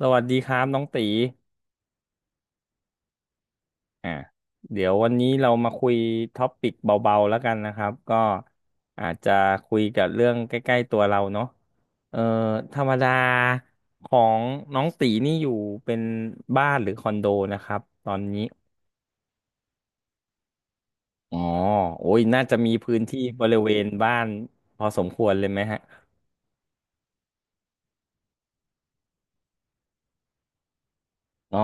สวัสดีครับน้องตีอ่าเดี๋ยววันนี้เรามาคุยท็อปิกเบาๆแล้วกันนะครับก็อาจจะคุยกับเรื่องใกล้ๆตัวเราเนาะเอ่อธรรมดาของน้องตีนี่อยู่เป็นบ้านหรือคอนโดนะครับตอนนี้อ๋อโอ้ยน่าจะมีพื้นที่บริเวณบ้านพอสมควรเลยไหมฮะอ๋อ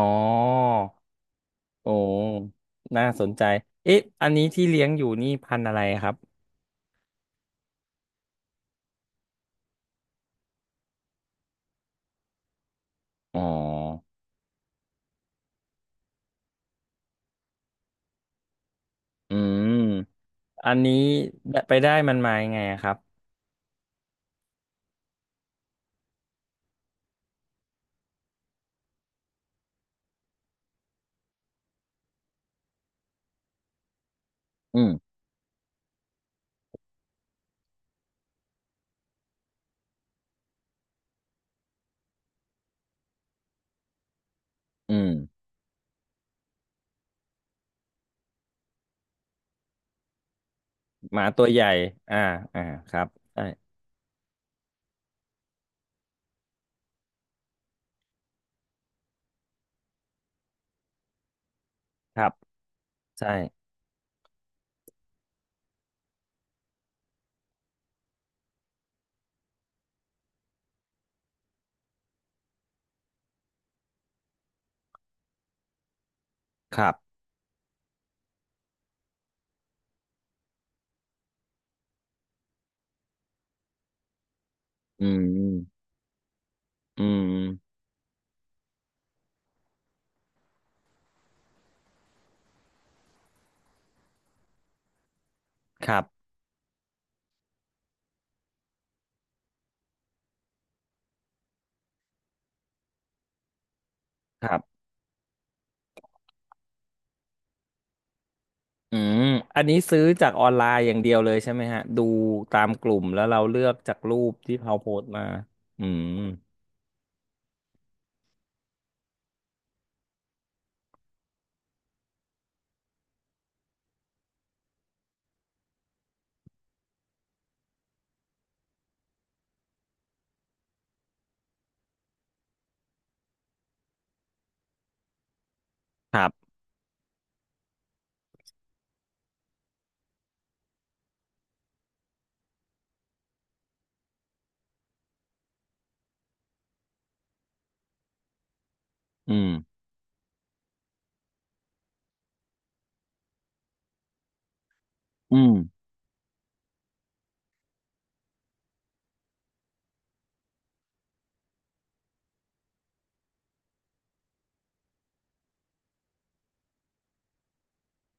โอ้น่าสนใจเอ๊ะอันนี้ที่เลี้ยงอยู่นี่พันธุ์อะไรครับอ๋ออืม อันนี้ไปได้มันมายังไงอะครับอืมอืมหมาตัวใหญ่ อ่าอ่าครับใช่ครับ ใช่ครับ อืม อืมครับครับอืม อันนี้ซื้อจากออนไลน์อย่างเดียวเลยใช่ไหมฮะดูตามกลุ่มแล้วเราเลือกจากรูปที่เขาโพสต์มา อืมครับ อืม อืม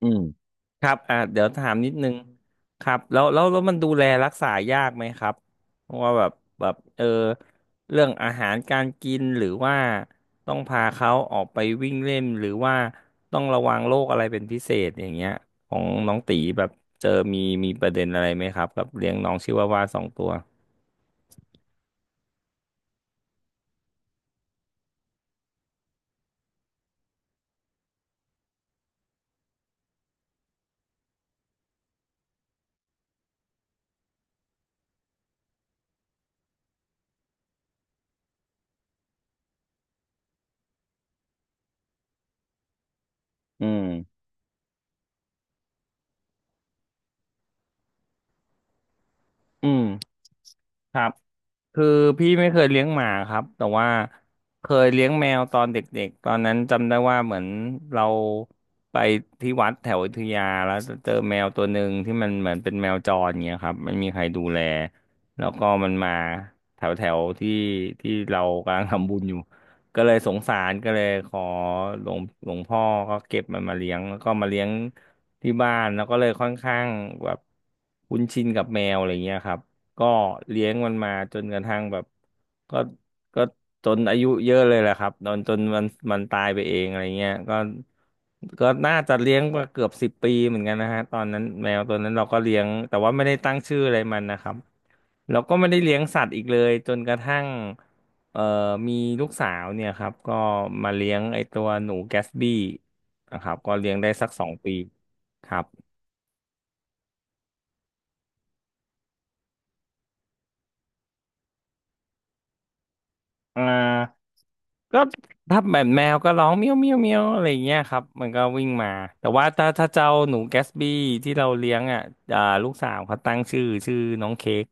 อืมครับอ่าเดี๋ยวถามนิดนึงครับแล้วมันดูแลรักษายากไหมครับเพราะว่าแบบเออเรื่องอาหารการกินหรือว่าต้องพาเขาออกไปวิ่งเล่นหรือว่าต้องระวังโรคอะไรเป็นพิเศษอย่างเงี้ยของน้องตีแบบเจอมีมีประเด็นอะไรไหมครับกับเลี้ยงน้องชิวาวาสองตัวอืมอืม ครับคือพี่ไม่เคยเลี้ยงหมาครับแต่ว่าเคยเลี้ยงแมวตอนเด็กๆตอนนั้นจำได้ว่าเหมือนเราไปที่วัดแถวอยุธยาแล้วเจอแมวตัวหนึ่งที่มันเหมือนเป็นแมวจรเงี้ยครับไม่มีใครดูแลแล้วก็มันมาแถวแถวที่ที่เรากำลังทำบุญอยู่ก็เลยสงสารก็เลยขอหลวงพ่อก็เก็บมันมาเลี้ยงแล้วก็มาเลี้ยงที่บ้านแล้วก็เลยค่อนข้างแบบคุ้นชินกับแมวอะไรเงี้ยครับ ก็เลี้ยงมันมาจนกระทั่งแบบก็ก็จนอายุเยอะเลยแหละครับตอนจนมันตายไปเองอะไรเงี้ยก็น่าจะเลี้ยงมาเกือบสิบปีเหมือนกันนะฮะตอนนั้นแมวตัวนั้นเราก็เลี้ยงแต่ว่าไม่ได้ตั้งชื่ออะไรมันนะครับเราก็ไม่ได้เลี้ยงสัตว์อีกเลยจนกระทั่งเอ่อมีลูกสาวเนี่ยครับก็มาเลี้ยงไอตัวหนูแกสบี้นะครับก็เลี้ยงได้สักสองปีครับ อ่าก็ถ้าแบบแมวก็ร้องเมียวเมียวเมียวอะไรอย่างเงี้ยครับมันก็วิ่งมาแต่ว่าถ้าเจ้าหนูแกสบี้ที่เราเลี้ยงอ่ะอ่าลูกสาวเขาตั้งชื่อน้องเค้ก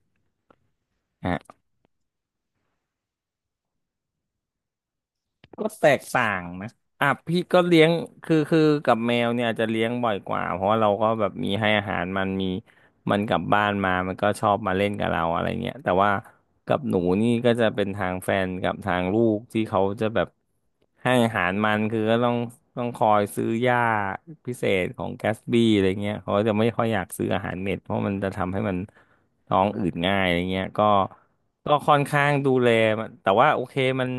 ก็แตกต่างนะอ่ะพี่ก็เลี้ยงคือกับแมวเนี่ยอาจจะเลี้ยงบ่อยกว่าเพราะว่าเราก็แบบมีให้อาหารมันมีมันกลับบ้านมามันก็ชอบมาเล่นกับเราอะไรเงี้ยแต่ว่ากับหนูนี่ก็จะเป็นทางแฟนกับทางลูกที่เขาจะแบบให้อาหารมันคือก็ต้องคอยซื้อหญ้าพิเศษของแกสบี้อะไรเงี้ยเขาก็จะไม่ค่อยอยากซื้ออาหารเม็ดเพราะมันจะทำให้มันท้องอืดง่ายอะไรเงี้ยก็ก็ค่อนข้างดูแลมันแต่ว่าโอเคมัน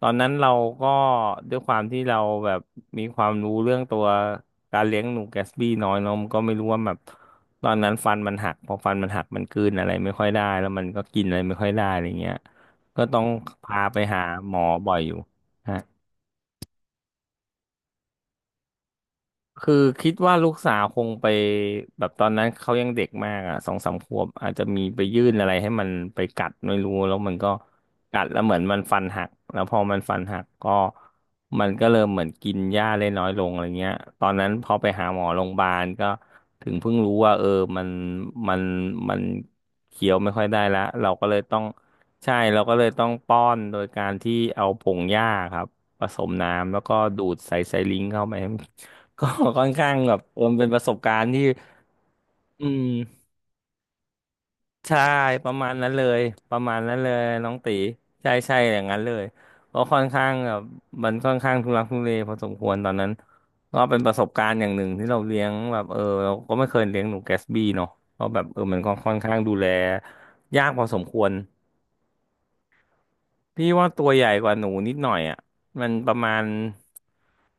ตอนนั้นเราก็ด้วยความที่เราแบบมีความรู้เรื่องตัวการเลี้ยงหนูแกสบี้น้อยเนาะมันก็ไม่รู้ว่าแบบตอนนั้นฟันมันหักพอฟันมันหักมันกลืนอะไรไม่ค่อยได้แล้วมันก็กินอะไรไม่ค่อยได้อะไรเงี้ยก็ต้องพาไปหาหมอบ่อยอยู่ฮะ คือคิดว่าลูกสาวคงไปแบบตอนนั้นเขายังเด็กมากอ่ะสองสามขวบอาจจะมีไปยื่นอะไรให้มันไปกัดไม่รู้แล้วมันก็กัดแล้วเหมือนมันฟันหักแล้วพอมันฟันหักก็มันก็เริ่มเหมือนกินหญ้าได้น้อยลงอะไรเงี้ยตอนนั้นพอไปหาหมอโรงพยาบาลก็ถึงเพิ่งรู้ว่าเออมันมันมันเคี้ยวไม่ค่อยได้ละเราก็เลยต้องใช่เราก็เลยต้องป้อนโดยการที่เอาผงหญ้าครับผสมน้ำแล้วก็ดูดใส่ไซลิงเข้าไป ก็ ค่อนข้างแบบเออมันเป็นประสบการณ์ที่อืมใช่ประมาณนั้นเลยประมาณนั้นเลยน้องตีใช่ใช่อย่างนั้นเลยก็ค่อนข้างแบบมันค่อนข้างทุรักทุเลพอสมควรตอนนั้นก็เป็นประสบการณ์อย่างหนึ่งที่เราเลี้ยงแบบเออเราก็ไม่เคยเลี้ยงหนูแกสบี้เนาะก็แบบเออมันก็ค่อนข้างดูแลยากพอสมควร พี่ว่าตัวใหญ่กว่าหนูนิดหน่อยอ่ะ มันประมาณ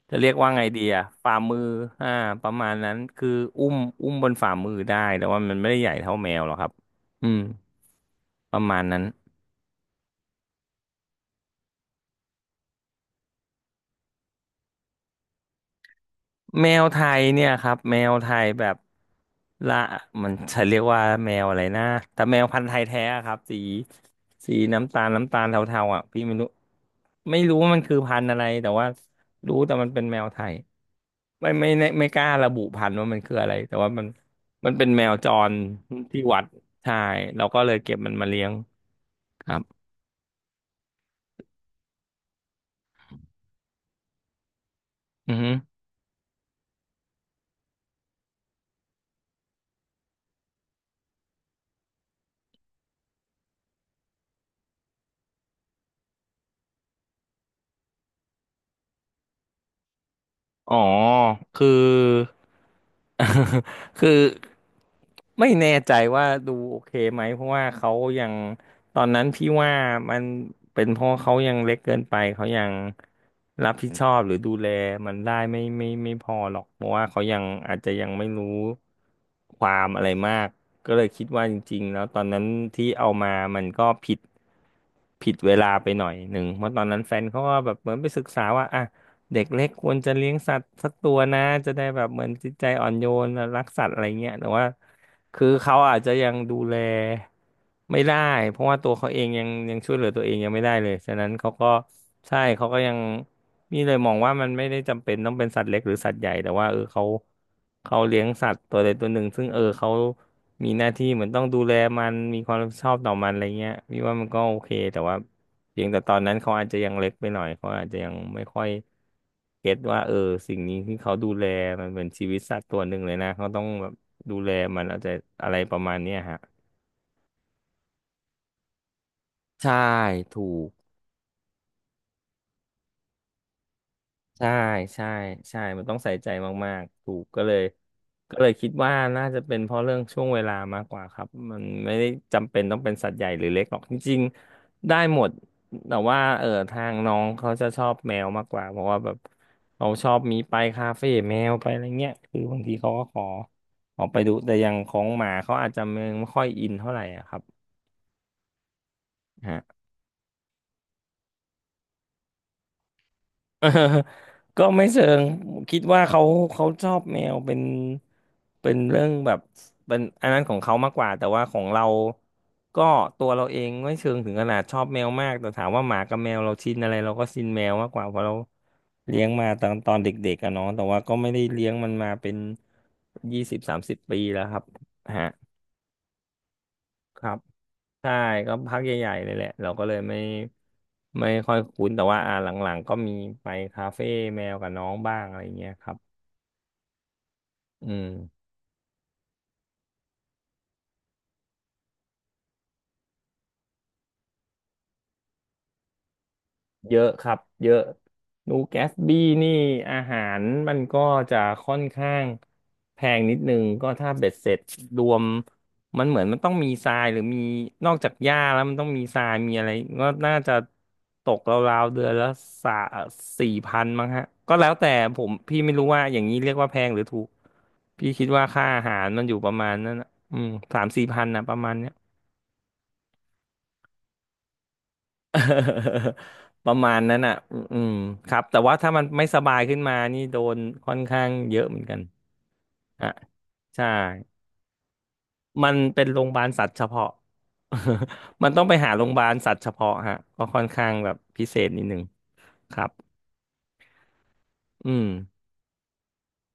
จะเรียกว่าไงดีอ่ะ ฝ่ามืออ่าประมาณนั้น คืออุ้มอุ้มบนฝ่ามือได้ แต่ว่ามันไม่ได้ใหญ่เท่าแมวหรอกครับ อืม ประมาณนั้น แมวไทยเนี่ยครับแมวไทยแบบละมันจะเรียกว่าแมวอะไรนะแต่แมวพันธุ์ไทยแท้อะครับสีน้ำตาลเทาๆอ่ะพี่ไม่รู้ว่ามันคือพันธุ์อะไรแต่ว่ารู้แต่มันเป็นแมวไทยไม่กล้าระบุพันธุ์ว่ามันคืออะไรแต่ว่ามันมันเป็นแมวจรที่วัดใช่เราก็เลยเก็บมันมาเลี้ยงครับอือฮึ อ๋อคือ คือไม่แน่ใจว่าดูโอเคไหมเพราะว่าเขายังตอนนั้นพี่ว่ามันเป็นเพราะเขายังเล็กเกินไปเขายังรับผิดชอบหรือดูแลมันได้ไม่พอหรอกเพราะว่าเขายังอาจจะยังไม่รู้ความอะไรมากก็เลยคิดว่าจริงๆแล้วตอนนั้นที่เอามามันก็ผิดเวลาไปหน่อยหนึ่งเพราะตอนนั้นแฟนเขาก็แบบเหมือนไปศึกษาว่าอ่ะ เด็กเล็กควรจะเลี้ยงสัตว์สักตัวนะจะได้แบบเหมือนจิตใจอ่อนโยนรักสัตว์อะไรเงี้ยแต่ว่าคือเขาอาจจะยังดูแลไม่ได้เพราะว่าตัวเขาเองยังช่วยเหลือตัวเองยังไม่ได้เลยฉะนั้นเขาก็ใช่เขาก็ยังนี่เลยมองว่ามันไม่ได้จำเป็นต้องเป็นสัตว์เล็กหรือสัตว์ใหญ่แต่ว่าเออเขาเลี้ยงสัตว์ตัวใดตัวหนึ่งซึ่งเออเขามีหน้าที่เหมือนต้องดูแลมันมีความรับผิดชอบต่อมันอะไรเงี้ยพี่ว่ามันก็โอเคแต่ว่า เพียงแต่ตอนนั้นเขาอาจจะยังเล็กไปหน่อยเขาอาจจะยังไม่ค่อยเก็ตว่าเออสิ่งนี้ที่เขาดูแลมันเหมือนชีวิตสัตว์ตัวหนึ่งเลยนะเขาต้องแบบดูแลมันเอาใจอะไรประมาณเนี้ยฮะใช่ถูก ใช่ใช่ใช่มันต้องใส่ใจมากๆถูกก็เลยก็เลยคิดว่าน่าจะเป็นเพราะเรื่องช่วงเวลามากกว่าครับมันไม่ได้จำเป็นต้องเป็นสัตว์ใหญ่หรือเล็กหรอกจริงๆได้หมดแต่ว่าเออทางน้องเขาจะชอบแมวมากกว่าเพราะว่าแบบเขาชอบมีไปคาเฟ่แมวไปอะไรเงี้ยคือบางทีเขาก็ขอออกไปดูแต่อย่างของหมาเขาอาจจะยังไม่ค่อยอินเท่าไหร่อะครับ เออก็ไม่เชิงคิดว่าเขาเขาชอบแมวเป็นเรื่องแบบเป็นอันนั้นของเขามากกว่าแต่ว่าของเราก็ตัวเราเองไม่เชิงถึงขนาดชอบแมวมากแต่ถามว่าหมากับแมวเราชินอะไรเราก็ชินแมวมากกว่าเพราะเราเลี้ยงมาตอนเด็กๆอะเนาะแต่ว่าก็ไม่ได้เลี้ยงมันมาเป็น20-30 ปีแล้วครับ ครับ ใช่ ก็พักใหญ่ๆ เลยแหละ เราก็เลยไม่ค่อยคุ้น แต่ว่าอ่าหลังๆ ก็มีไปคาเฟ่แมวกับน้องบ้างอะไรเงี้ยครับอืม เยอะครับเยอะนูแกสบี้นี่อาหารมันก็จะค่อนข้างแพงนิดนึงก็ถ้าเบ็ดเสร็จรวมมันเหมือนมันต้องมีทรายหรือมีนอกจากหญ้าแล้วมันต้องมีทรายมีอะไรก็น่าจะตกราวๆเดือนละสาสี่พันมั้งฮะก็แล้วแต่ผมพี่ไม่รู้ว่าอย่างนี้เรียกว่าแพงหรือถูกพี่คิดว่าค่าอาหารมันอยู่ประมาณนั้นนะอืม3,000-4,000นะประมาณเนี้ย ประมาณนั้นอ่ะอืมอืมครับแต่ว่าถ้ามันไม่สบายขึ้นมานี่โดนค่อนข้างเยอะเหมือนกันอ่ะใช่มันเป็นโรงพยาบาลสัตว์เฉพาะ มันต้องไปหาโรงพยาบาลสัตว์เฉพาะฮะก็ค่อนข้างแบบพิเศษนิดนึงครับ อืม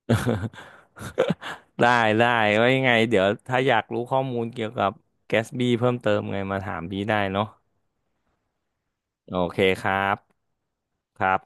ได้ ได้ไว้ยังไง เดี๋ยวถ้าอยากรู้ข้อมูลเกี่ยวกับแกสบีเพิ่มเติมไงมาถามพี่ได้เนาะโอเคครับ ครับ